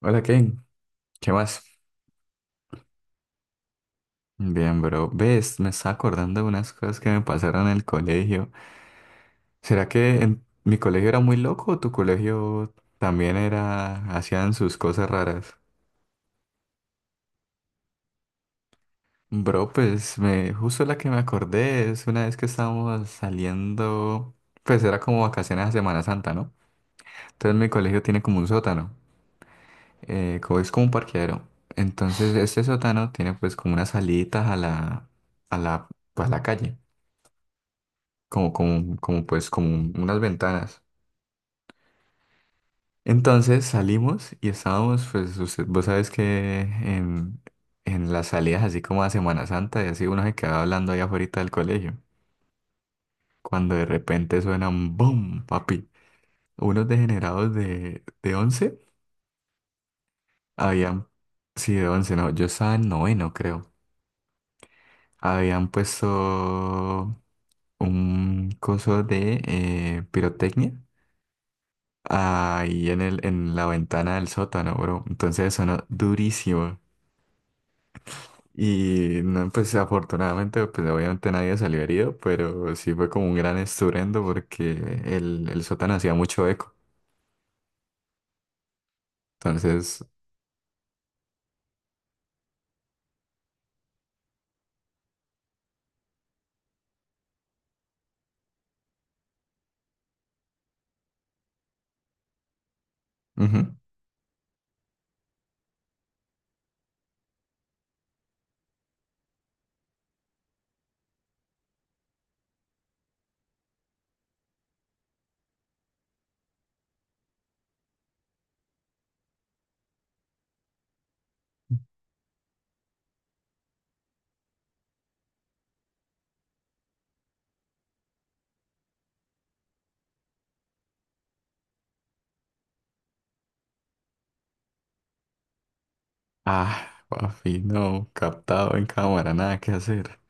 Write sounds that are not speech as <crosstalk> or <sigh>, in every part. Hola Ken, ¿qué más? Bien, bro. Ves, me estaba acordando de unas cosas que me pasaron en el colegio. ¿Será que en mi colegio era muy loco o tu colegio también era, hacían sus cosas raras? Bro, justo la que me acordé es una vez que estábamos saliendo, pues era como vacaciones a Semana Santa, ¿no? Entonces mi colegio tiene como un sótano, es como un parqueadero. Entonces este sótano tiene pues como unas saliditas a la, a la calle. Como pues como unas ventanas. Entonces salimos y estábamos, pues usted, vos sabes que en las salidas así como a Semana Santa y así uno se quedaba hablando allá afuera del colegio, cuando de repente suenan ¡boom! Papi, unos degenerados de once habían, sí, de 11 no, yo estaba en noveno creo, habían puesto un coso de pirotecnia ahí en en la ventana del sótano, bro. Entonces sonó durísimo. Y no, pues afortunadamente, pues obviamente nadie salió herido, pero sí fue como un gran estruendo porque el sótano hacía mucho eco. Entonces, ujú. Ah, papi, no, captado en cámara, nada que hacer.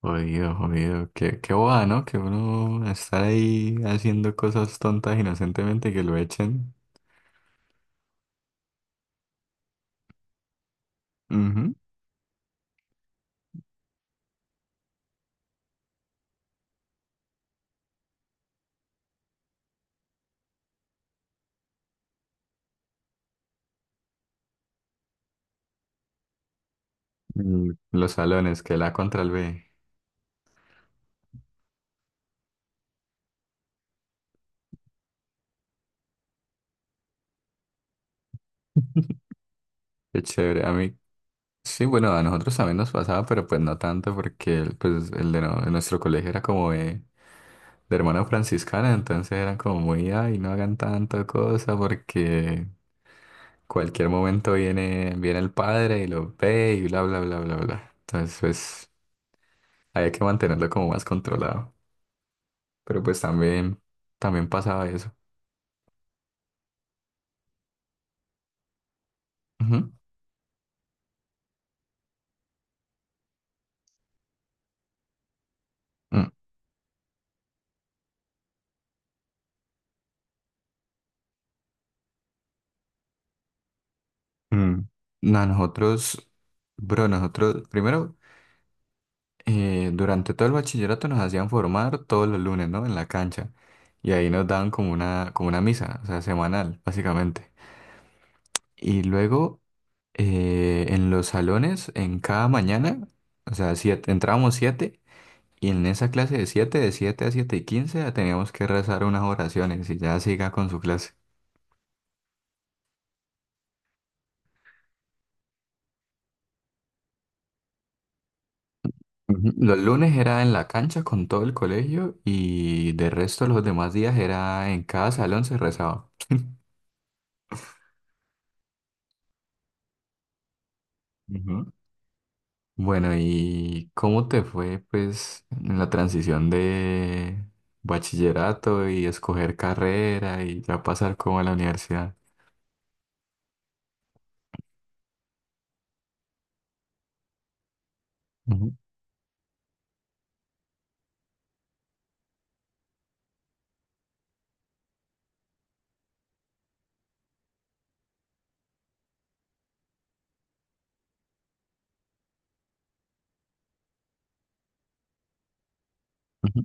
Jodido, jodido, qué boba, ¿no? Que uno estar ahí haciendo cosas tontas inocentemente y que lo echen. Ujú. Mm, los salones, que la contra el B. Qué chévere. A mí, sí, bueno, a nosotros también nos pasaba, pero pues no tanto porque el, pues, el de, no- de nuestro colegio era como de hermana franciscana, entonces eran como muy, ay, no hagan tanta cosa porque cualquier momento viene el padre y lo ve y bla, bla, bla, bla, bla. Entonces, pues, había que mantenerlo como más controlado. Pero pues también, también pasaba eso. Ujú. Mm, mm. No, nosotros, bro, nosotros, primero... durante todo el bachillerato nos hacían formar todos los lunes, ¿no? En la cancha. Y ahí nos daban como una misa, o sea, semanal, básicamente. Y luego en los salones, en cada mañana, o sea, siete, entrábamos siete. Y en esa clase de siete a siete y quince, ya teníamos que rezar unas oraciones y ya siga con su clase. Ujú. Los lunes era en la cancha con todo el colegio y de resto los demás días era en cada salón se rezaba. Ujú. Bueno, ¿y cómo te fue, pues, en la transición de bachillerato y escoger carrera y ya pasar como a la universidad? Ujú, ujú,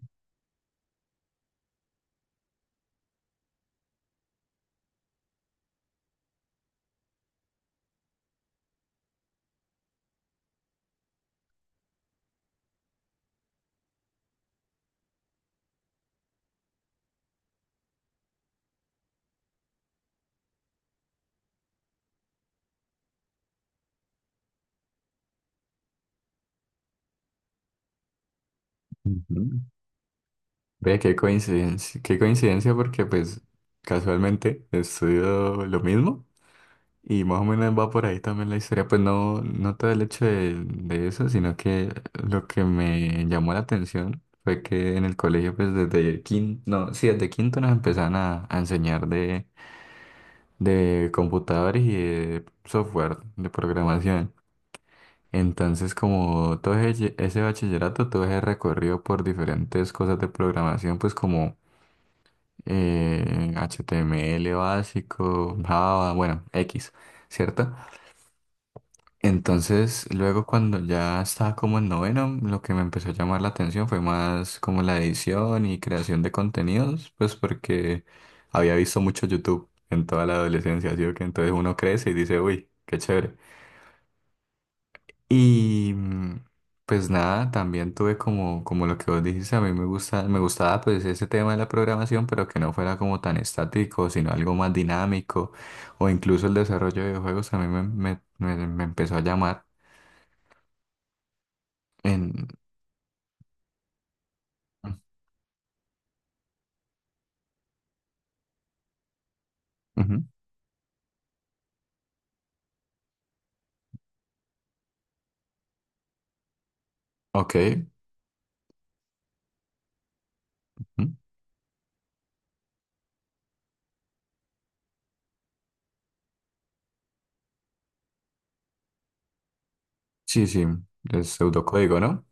ujú. Ve, qué coincidencia porque, pues, casualmente estudio lo mismo y más o menos va por ahí también la historia. Pues no, no todo el hecho de eso, sino que lo que me llamó la atención fue que en el colegio, pues, desde quinto, no, sí, desde quinto nos empezaban a enseñar de computadores y de software de programación. Entonces, como todo ese bachillerato, todo ese recorrido por diferentes cosas de programación, pues como HTML básico, Java, bueno, X, ¿cierto? Entonces, luego cuando ya estaba como en noveno, lo que me empezó a llamar la atención fue más como la edición y creación de contenidos, pues porque había visto mucho YouTube en toda la adolescencia, así que entonces uno crece y dice, uy, qué chévere. Y pues nada, también tuve como, como lo que vos dijiste, a mí me gusta, me gustaba pues ese tema de la programación, pero que no fuera como tan estático, sino algo más dinámico, o incluso el desarrollo de videojuegos a mí me empezó a llamar en, ujú. Ok. Ujú. Sí, sí, es pseudocódigo, ¿no?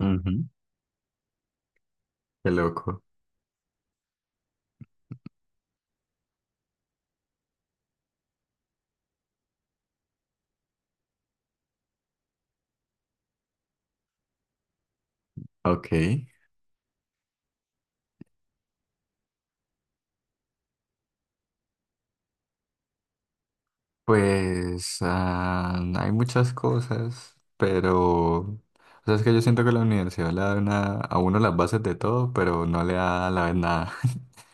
Ujú. Qué loco. Ok. Pues ah, hay muchas cosas, pero... O sea, es que yo siento que la universidad le da a uno las bases de todo, pero no le da a la vez nada. <laughs>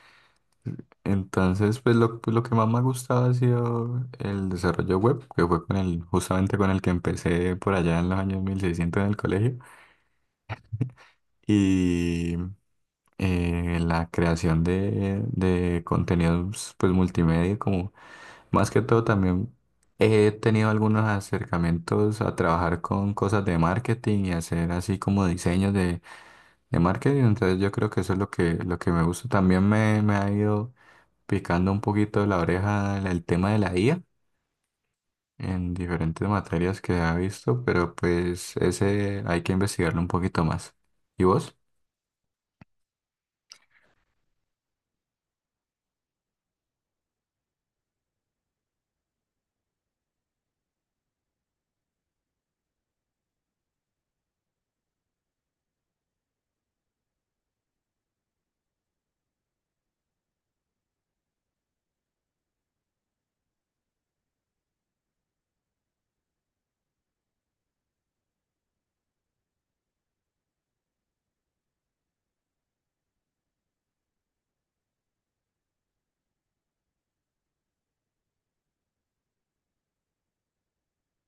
Entonces, pues, lo que más me ha gustado ha sido el desarrollo web, que fue con justamente con el que empecé por allá en los años 1600 en el colegio. La creación de contenidos pues multimedia, como más que todo también he tenido algunos acercamientos a trabajar con cosas de marketing y hacer así como diseños de marketing, entonces yo creo que eso es lo que me gusta. También me ha ido picando un poquito la oreja el tema de la IA en diferentes materias que ha visto, pero pues ese hay que investigarlo un poquito más. ¿Y vos?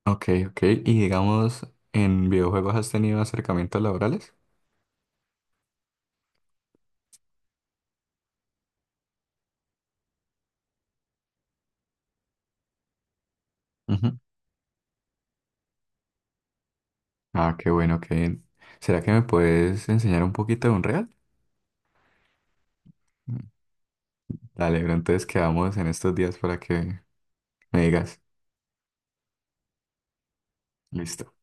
Ok, ok. Y digamos, ¿en videojuegos has tenido acercamientos laborales? Ujú. Ah, qué bueno, que ¿será que me puedes enseñar un poquito de Unreal? Mm, dale, pero entonces quedamos en estos días para que me digas. Listo.